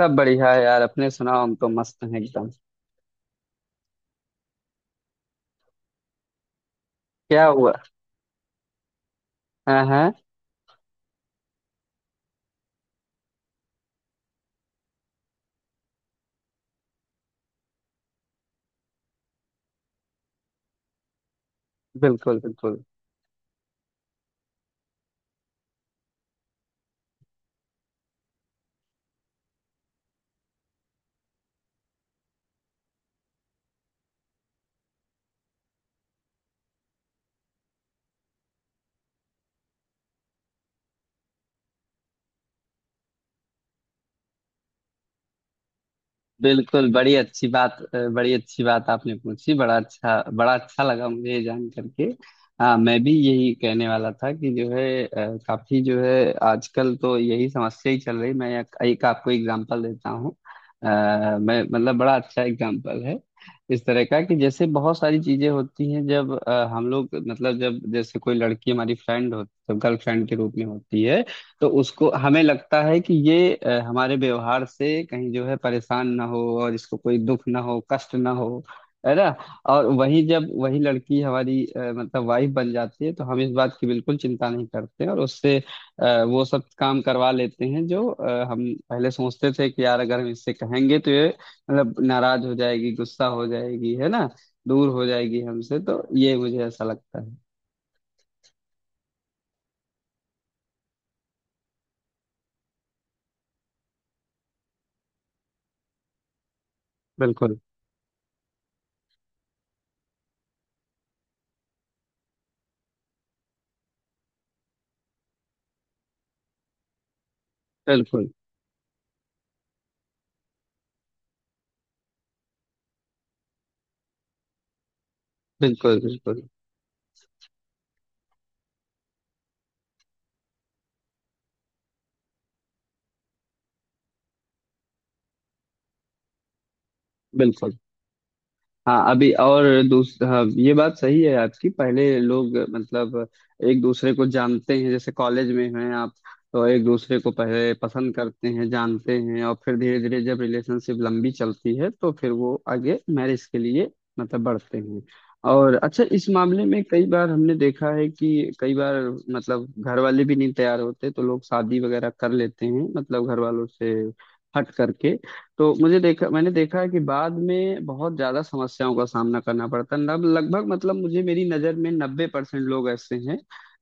सब बढ़िया है यार। अपने सुनाओ। हम तो मस्त हैं एकदम। क्या हुआ? हाँ हाँ। बिल्कुल बिल्कुल बिल्कुल। बड़ी अच्छी बात आपने पूछी। बड़ा अच्छा लगा मुझे ये जान करके। हाँ, मैं भी यही कहने वाला था कि जो है काफी जो है आजकल तो यही समस्या ही चल रही। मैं एक आपको एग्जांपल देता हूँ। अ, मैं मतलब बड़ा अच्छा एग्जांपल है इस तरह का, कि जैसे बहुत सारी चीजें होती हैं जब हम लोग मतलब जब जैसे कोई लड़की हमारी फ्रेंड हो, गर्लफ्रेंड के रूप में होती है, तो उसको हमें लगता है कि ये हमारे व्यवहार से कहीं जो है परेशान ना हो, और इसको कोई दुख ना हो, कष्ट ना हो, है ना। और वही जब वही लड़की हमारी मतलब वाइफ बन जाती है, तो हम इस बात की बिल्कुल चिंता नहीं करते, और उससे वो सब काम करवा लेते हैं, जो हम पहले सोचते थे कि यार अगर हम इससे कहेंगे तो ये मतलब नाराज हो जाएगी, गुस्सा हो जाएगी, है ना, दूर हो जाएगी हमसे। तो ये मुझे ऐसा लगता है। बिल्कुल बिल्कुल। बिल्कुल बिल्कुल। बिल्कुल। हाँ, अभी और। दूस हाँ, ये बात सही है आपकी। पहले लोग मतलब एक दूसरे को जानते हैं। जैसे कॉलेज में हैं आप, तो एक दूसरे को पहले पसंद करते हैं, जानते हैं, और फिर धीरे धीरे जब रिलेशनशिप लंबी चलती है तो फिर वो आगे मैरिज के लिए मतलब बढ़ते हैं। और अच्छा, इस मामले में कई बार हमने देखा है कि कई बार मतलब घर वाले भी नहीं तैयार होते, तो लोग शादी वगैरह कर लेते हैं मतलब घर वालों से हट करके। तो मुझे देखा मैंने देखा है कि बाद में बहुत ज्यादा समस्याओं का सामना करना पड़ता है। लगभग मतलब मुझे, मेरी नजर में 90% लोग ऐसे हैं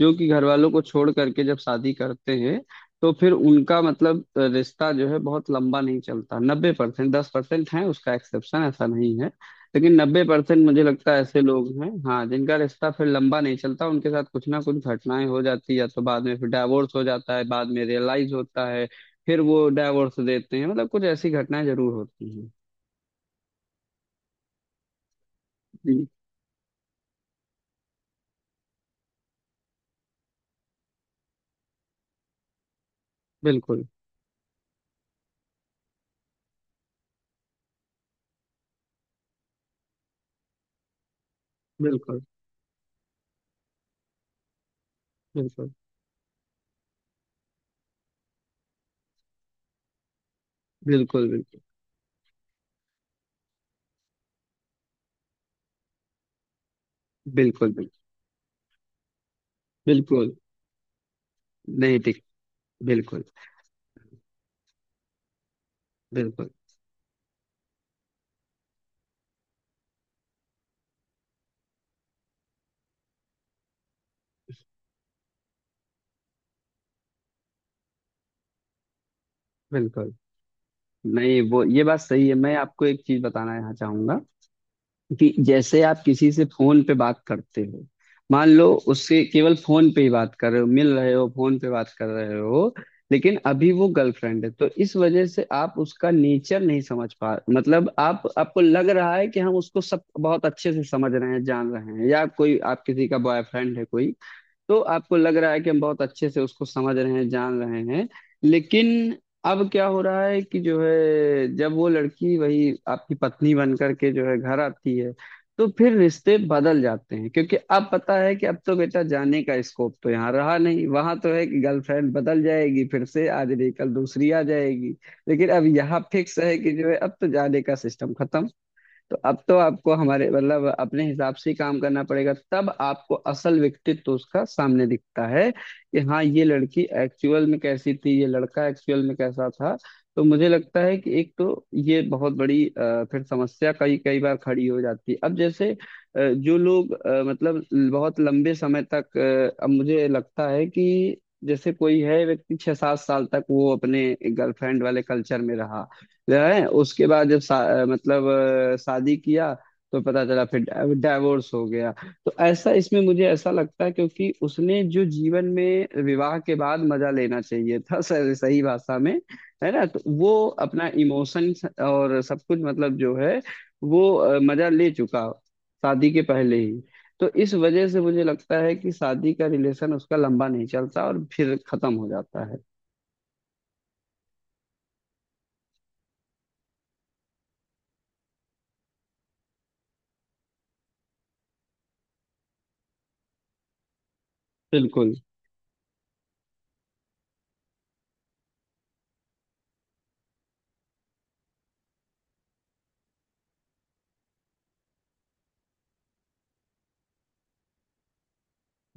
जो कि घर वालों को छोड़ करके जब शादी करते हैं, तो फिर उनका मतलब रिश्ता जो है बहुत लंबा नहीं चलता। 90%, 10% है उसका एक्सेप्शन, ऐसा नहीं है। लेकिन 90% मुझे लगता है ऐसे लोग हैं, हाँ, जिनका रिश्ता फिर लंबा नहीं चलता। उनके साथ कुछ ना कुछ घटनाएं हो जाती है, या तो बाद में फिर डाइवोर्स हो जाता है, बाद में रियलाइज होता है, फिर वो डाइवोर्स देते हैं, मतलब कुछ ऐसी घटनाएं जरूर होती हैं। जी। बिल्कुल बिल्कुल बिल्कुल बिल्कुल बिल्कुल बिल्कुल बिल्कुल बिल्कुल। नहीं ठीक। बिल्कुल बिल्कुल बिल्कुल। नहीं, वो ये बात सही है। मैं आपको एक चीज बताना यहाँ चाहूंगा कि जैसे आप किसी से फोन पे बात करते हो, मान लो उससे केवल फोन पे ही बात कर रहे हो, मिल रहे हो, फोन पे बात कर रहे हो, लेकिन अभी वो गर्लफ्रेंड है। तो इस वजह से आप उसका नेचर नहीं समझ पा मतलब आप आपको लग रहा है कि हम उसको सब बहुत अच्छे से समझ रहे हैं, जान रहे हैं, या कोई आप किसी का बॉयफ्रेंड है कोई, तो आपको लग रहा है कि हम बहुत अच्छे से उसको समझ रहे हैं, जान रहे हैं। लेकिन अब क्या हो रहा है कि जो है जब वो लड़की वही आपकी पत्नी बन करके जो है घर आती है, तो फिर रिश्ते बदल जाते हैं, क्योंकि अब पता है कि अब तो बेटा जाने का स्कोप तो यहाँ रहा नहीं। वहां तो है कि गर्लफ्रेंड बदल जाएगी, फिर से आज नहीं कल दूसरी आ जाएगी। लेकिन अब यहाँ फिक्स है कि जो है अब तो जाने का सिस्टम खत्म। तो अब तो आपको हमारे मतलब अपने हिसाब से ही काम करना पड़ेगा। तब आपको असल व्यक्तित्व उसका सामने दिखता है कि हाँ, ये लड़की एक्चुअल में कैसी थी, ये लड़का एक्चुअल में कैसा था। तो मुझे लगता है कि एक तो ये बहुत बड़ी फिर समस्या कई कई बार खड़ी हो जाती है। अब जैसे जो लोग मतलब बहुत लंबे समय तक अब मुझे लगता है कि जैसे कोई है व्यक्ति, 6-7 साल तक वो अपने गर्लफ्रेंड वाले कल्चर में रहा, जो है, उसके बाद जब मतलब शादी किया, तो पता चला फिर डाइवोर्स हो गया। तो ऐसा, इसमें मुझे ऐसा लगता है, क्योंकि उसने जो जीवन में विवाह के बाद मजा लेना चाहिए था सही सही भाषा में, है ना, तो वो अपना इमोशन और सब कुछ मतलब जो है वो मजा ले चुका शादी के पहले ही। तो इस वजह से मुझे लगता है कि शादी का रिलेशन उसका लंबा नहीं चलता और फिर खत्म हो जाता है। बिल्कुल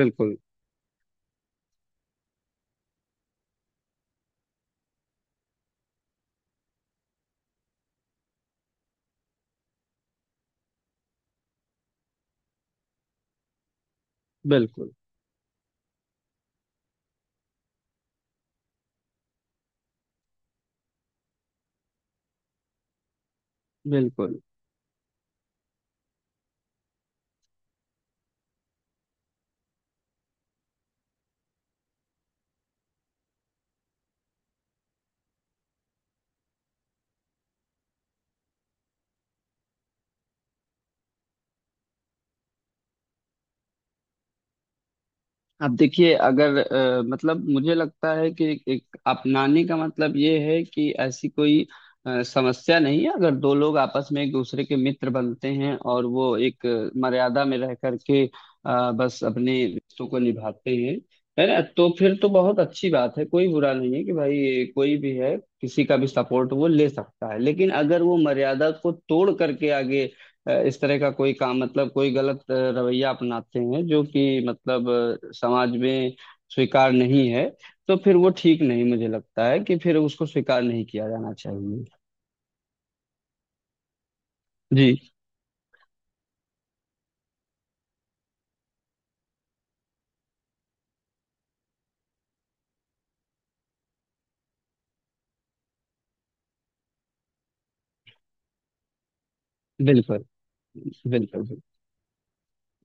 बिल्कुल। बिल्कुल बिल्कुल। अब देखिए, अगर मतलब मुझे लगता है कि एक अपनाने का मतलब ये है कि ऐसी कोई समस्या नहीं है। अगर दो लोग आपस में एक दूसरे के मित्र बनते हैं, और वो एक मर्यादा में रह करके बस अपने रिश्तों को निभाते हैं, है ना, तो फिर तो बहुत अच्छी बात है। कोई बुरा नहीं है कि भाई कोई भी है किसी का भी सपोर्ट वो ले सकता है। लेकिन अगर वो मर्यादा को तोड़ करके आगे इस तरह का कोई काम, मतलब कोई गलत रवैया अपनाते हैं जो कि मतलब समाज में स्वीकार नहीं है, तो फिर वो ठीक नहीं। मुझे लगता है कि फिर उसको स्वीकार नहीं किया जाना चाहिए। जी। बिल्कुल बिल्कुल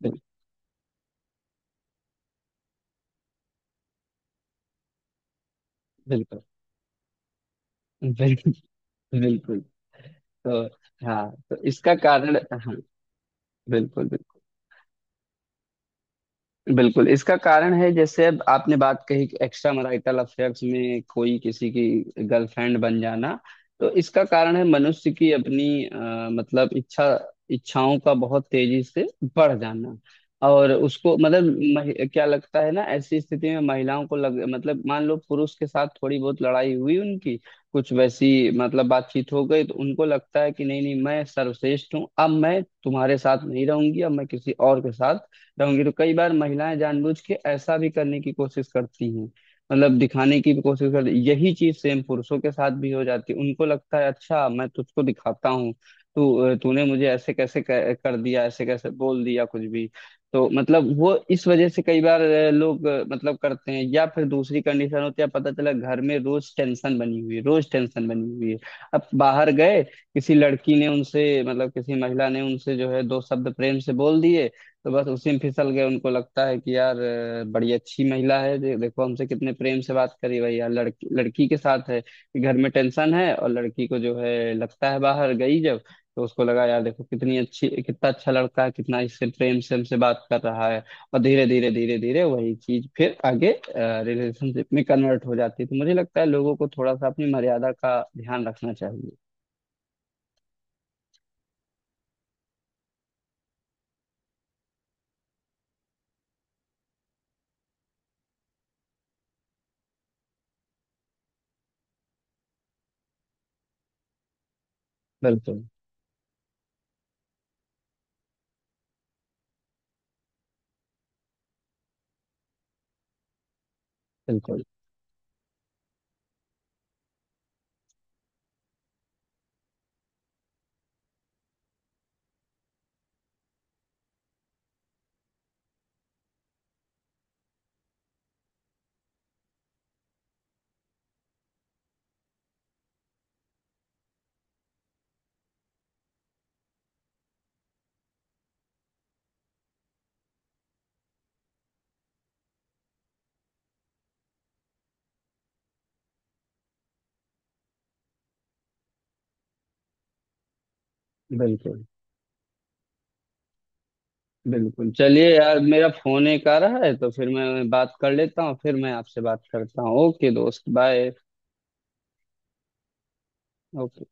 बिल्कुल बिल्कुल बिल्कुल बिल्कुल। तो हाँ, तो इसका कारण, हाँ, बिल्कुल बिल्कुल। बिल्कुल इसका कारण है, जैसे अब आपने बात कही कि एक्स्ट्रा मैरिटल अफेयर्स में कोई किसी की गर्लफ्रेंड बन जाना, तो इसका कारण है मनुष्य की अपनी मतलब इच्छा, इच्छाओं का बहुत तेजी से बढ़ जाना। और उसको मतलब क्या लगता है ना, ऐसी स्थिति में महिलाओं को लग मतलब मान लो पुरुष के साथ थोड़ी बहुत लड़ाई हुई उनकी, कुछ वैसी मतलब बातचीत हो गई, तो उनको लगता है कि नहीं नहीं मैं सर्वश्रेष्ठ हूँ, अब मैं तुम्हारे साथ नहीं रहूंगी, अब मैं किसी और के साथ रहूंगी। तो कई बार महिलाएं जानबूझ के ऐसा भी करने की कोशिश करती हैं, मतलब दिखाने की भी कोशिश करती। यही चीज सेम पुरुषों के साथ भी हो जाती है। उनको लगता है अच्छा मैं तुझको दिखाता हूँ, तू तूने मुझे ऐसे कैसे कर दिया, ऐसे कैसे बोल दिया कुछ भी। तो मतलब वो इस वजह से कई बार लोग मतलब करते हैं। या फिर दूसरी कंडीशन होती है, पता चला घर में रोज टेंशन बनी हुई है, रोज टेंशन बनी हुई है, अब बाहर गए किसी लड़की ने उनसे मतलब किसी महिला ने उनसे जो है दो शब्द प्रेम से बोल दिए, तो बस उसी में फिसल गए। उनको लगता है कि यार बड़ी अच्छी महिला है, देखो हमसे कितने प्रेम से बात करी। भैया लड़की लड़की के साथ है कि घर में टेंशन है, और लड़की को जो है लगता है बाहर गई जब, तो उसको लगा यार देखो कितनी अच्छी, कितना अच्छा लड़का है, कितना इससे प्रेम से हमसे बात कर रहा है। और धीरे धीरे धीरे धीरे वही चीज फिर आगे रिलेशनशिप में कन्वर्ट हो जाती है। तो मुझे लगता है लोगों को थोड़ा सा अपनी मर्यादा का ध्यान रखना चाहिए। बिल्कुल बिल्कुल। बिल्कुल बिल्कुल। चलिए यार, मेरा फोन एक आ रहा है तो फिर मैं बात कर लेता हूँ, फिर मैं आपसे बात करता हूँ। ओके दोस्त, बाय। ओके।